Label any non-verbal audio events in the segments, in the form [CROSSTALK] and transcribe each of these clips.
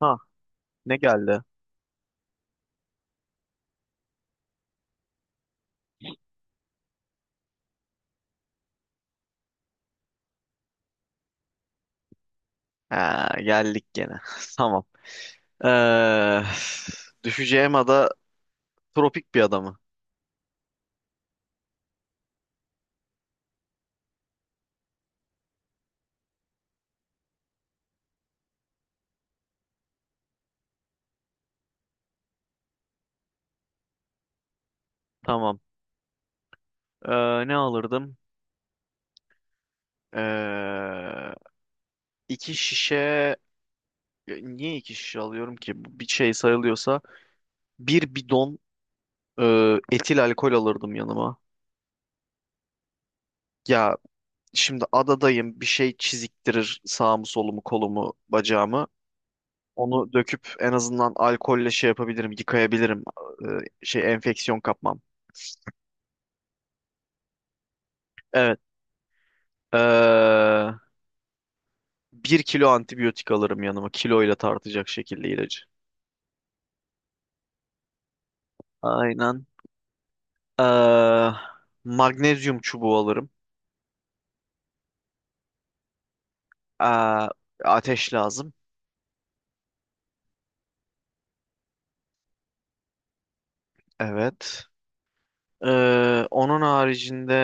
Ha, ne geldi? Ha, geldik gene. [LAUGHS] Tamam. Ee, Düşeceğim ada tropik bir ada mı? Tamam. Ne alırdım? Ee, iki şişe... Ya niye iki şişe alıyorum ki? Bu bir şey sayılıyorsa. Bir bidon e, etil alkol alırdım yanıma. Ya şimdi adadayım. Bir şey çiziktirir sağımı solumu kolumu bacağımı. Onu döküp en azından alkolle şey yapabilirim, yıkayabilirim. Ee, Şey enfeksiyon kapmam. Evet. Ee, Bir kilo antibiyotik alırım yanıma. Kiloyla tartacak şekilde ilacı. Aynen. Ee, Magnezyum çubuğu alırım. Ee, Ateş lazım. Evet. Onun haricinde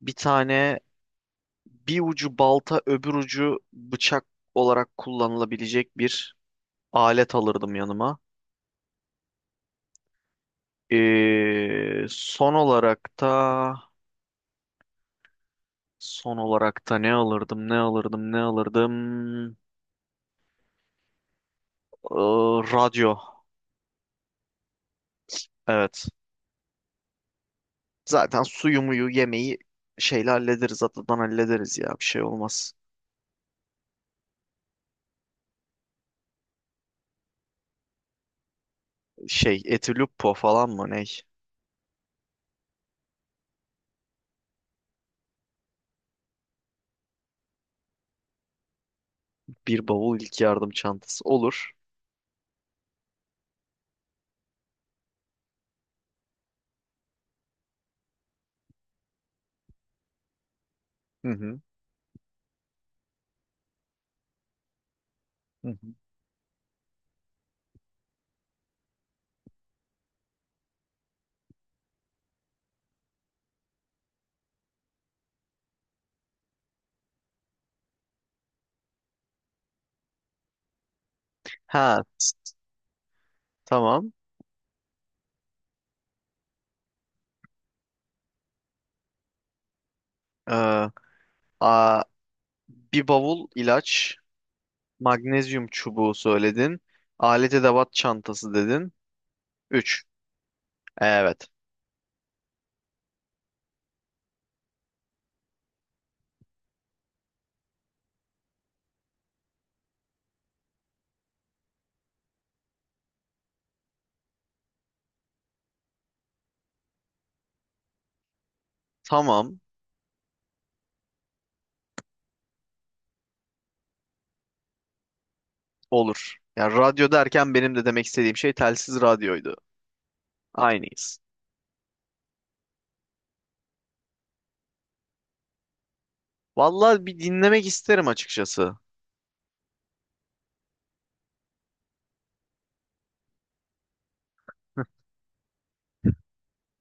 bir tane bir ucu balta öbür ucu bıçak olarak kullanılabilecek bir alet alırdım yanıma. Son olarak da ne alırdım, Ee, radyo. Evet. Zaten suyu muyu yemeği şeyle hallederiz. Atadan hallederiz ya. Bir şey olmaz. Şey Etiluppo falan mı ne? Bir bavul ilk yardım çantası. Olur. Hı hı. Hı hı. Ha s- tamam. Ee, a, Bir bavul ilaç. Magnezyum çubuğu söyledin. Alet edevat çantası dedin. 3. Evet. Tamam. Olur. Ya radyo derken benim de demek istediğim şey telsiz radyoydu. Aynıyız. Vallahi bir dinlemek isterim açıkçası.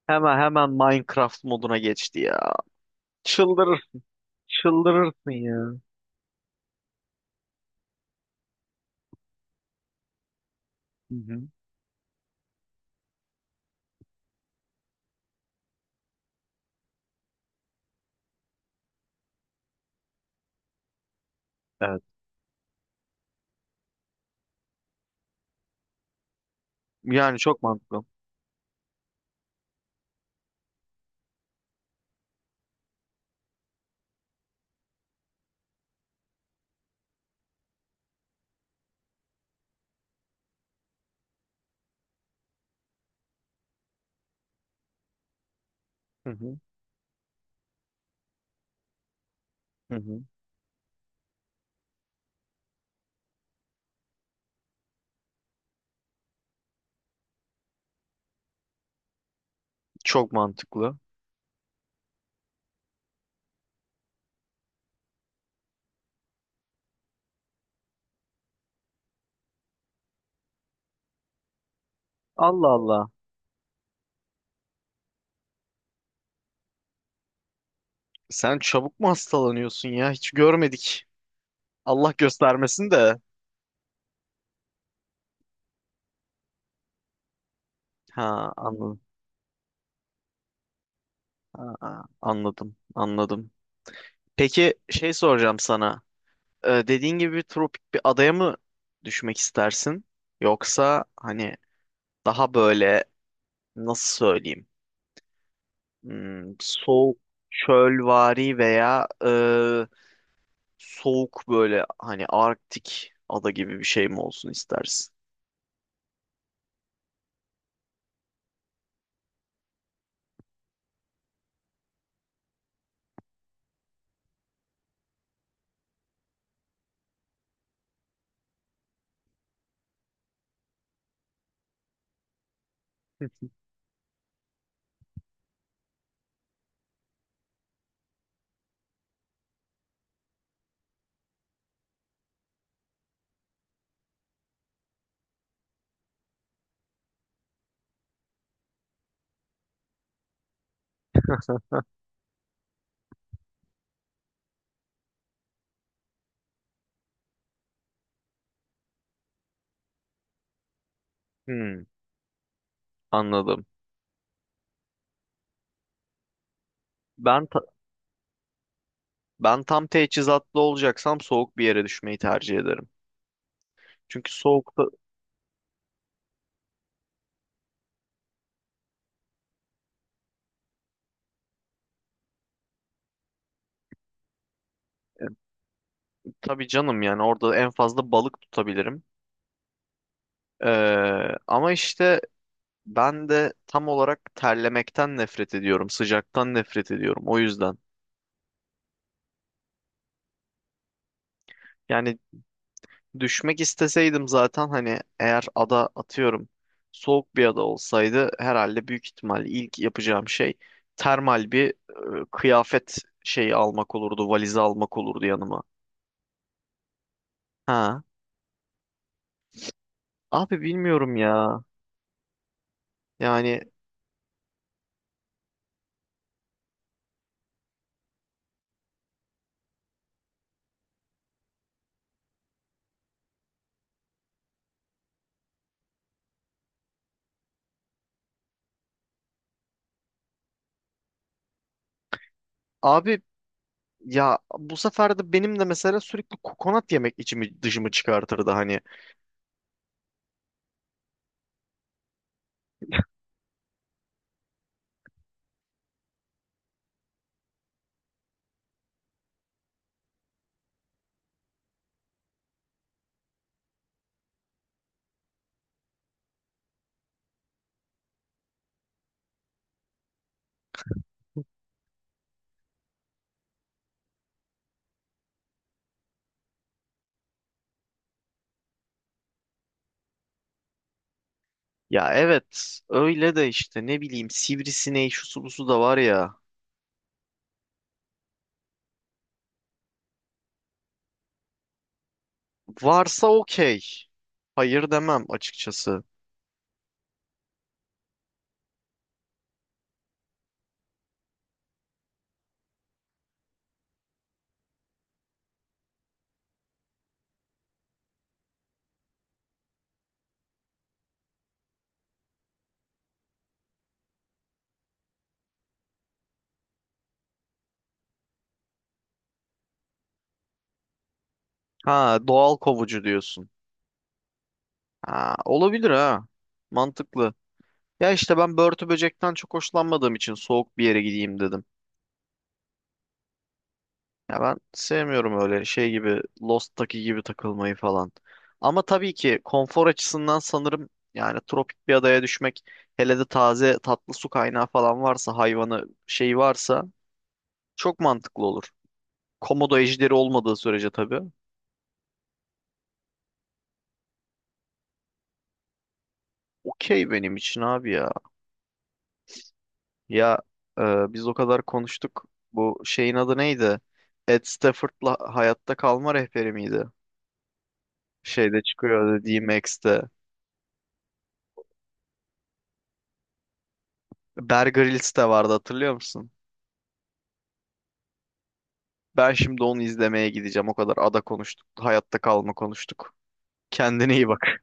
Hemen hemen Minecraft moduna geçti ya. Çıldırır, çıldırırsın ya. Hı hı. Evet. Yani çok mantıklı. Hı hı. Hı hı. Çok mantıklı. Allah Allah. Sen çabuk mu hastalanıyorsun ya? Hiç görmedik. Allah göstermesin de. Ha, anladım. Ha, ha, anladım. Anladım. Peki şey soracağım sana. Dediğin gibi bir tropik bir adaya mı düşmek istersin? Yoksa hani daha böyle nasıl söyleyeyim? Hmm, soğuk çölvari veya soğuk böyle hani Arktik ada gibi bir şey mi olsun istersin? [LAUGHS] Hmm, anladım. Ben ta- ben tam teçhizatlı olacaksam soğuk bir yere düşmeyi tercih ederim. Çünkü soğukta e, tabii canım, yani orada en fazla balık tutabilirim. Ee, ama işte ben de tam olarak terlemekten nefret ediyorum, sıcaktan nefret ediyorum. O yüzden. Yani düşmek isteseydim zaten hani eğer ada atıyorum soğuk bir ada olsaydı herhalde büyük ihtimal ilk yapacağım şey termal bir kıyafet şeyi almak olurdu, valizi almak olurdu yanıma. Ha. Abi bilmiyorum ya. Yani abi ya, bu sefer de benim de mesela sürekli kokonat yemek içimi dışımı çıkartırdı hani. Ya evet öyle de işte ne bileyim sivrisineği şusu busu da var ya. Varsa okey. Hayır demem açıkçası. Ha, doğal kovucu diyorsun. Ha, olabilir ha. Mantıklı. Ya işte ben börtü böcekten çok hoşlanmadığım için soğuk bir yere gideyim dedim. Ya ben sevmiyorum öyle şey gibi Lost'taki gibi takılmayı falan. Ama tabii ki konfor açısından sanırım yani tropik bir adaya düşmek, hele de taze tatlı su kaynağı falan varsa, hayvanı şey varsa çok mantıklı olur. Komodo ejderi olmadığı sürece tabii. Okey benim için abi ya. Ya biz o kadar konuştuk. Bu şeyin adı neydi? Ed Stafford'la Hayatta Kalma Rehberi miydi? Şeyde çıkıyor dediğim Max'te. Bear Grylls de vardı, hatırlıyor musun? Ben şimdi onu izlemeye gideceğim. O kadar ada konuştuk. Hayatta kalma konuştuk. Kendine iyi bak.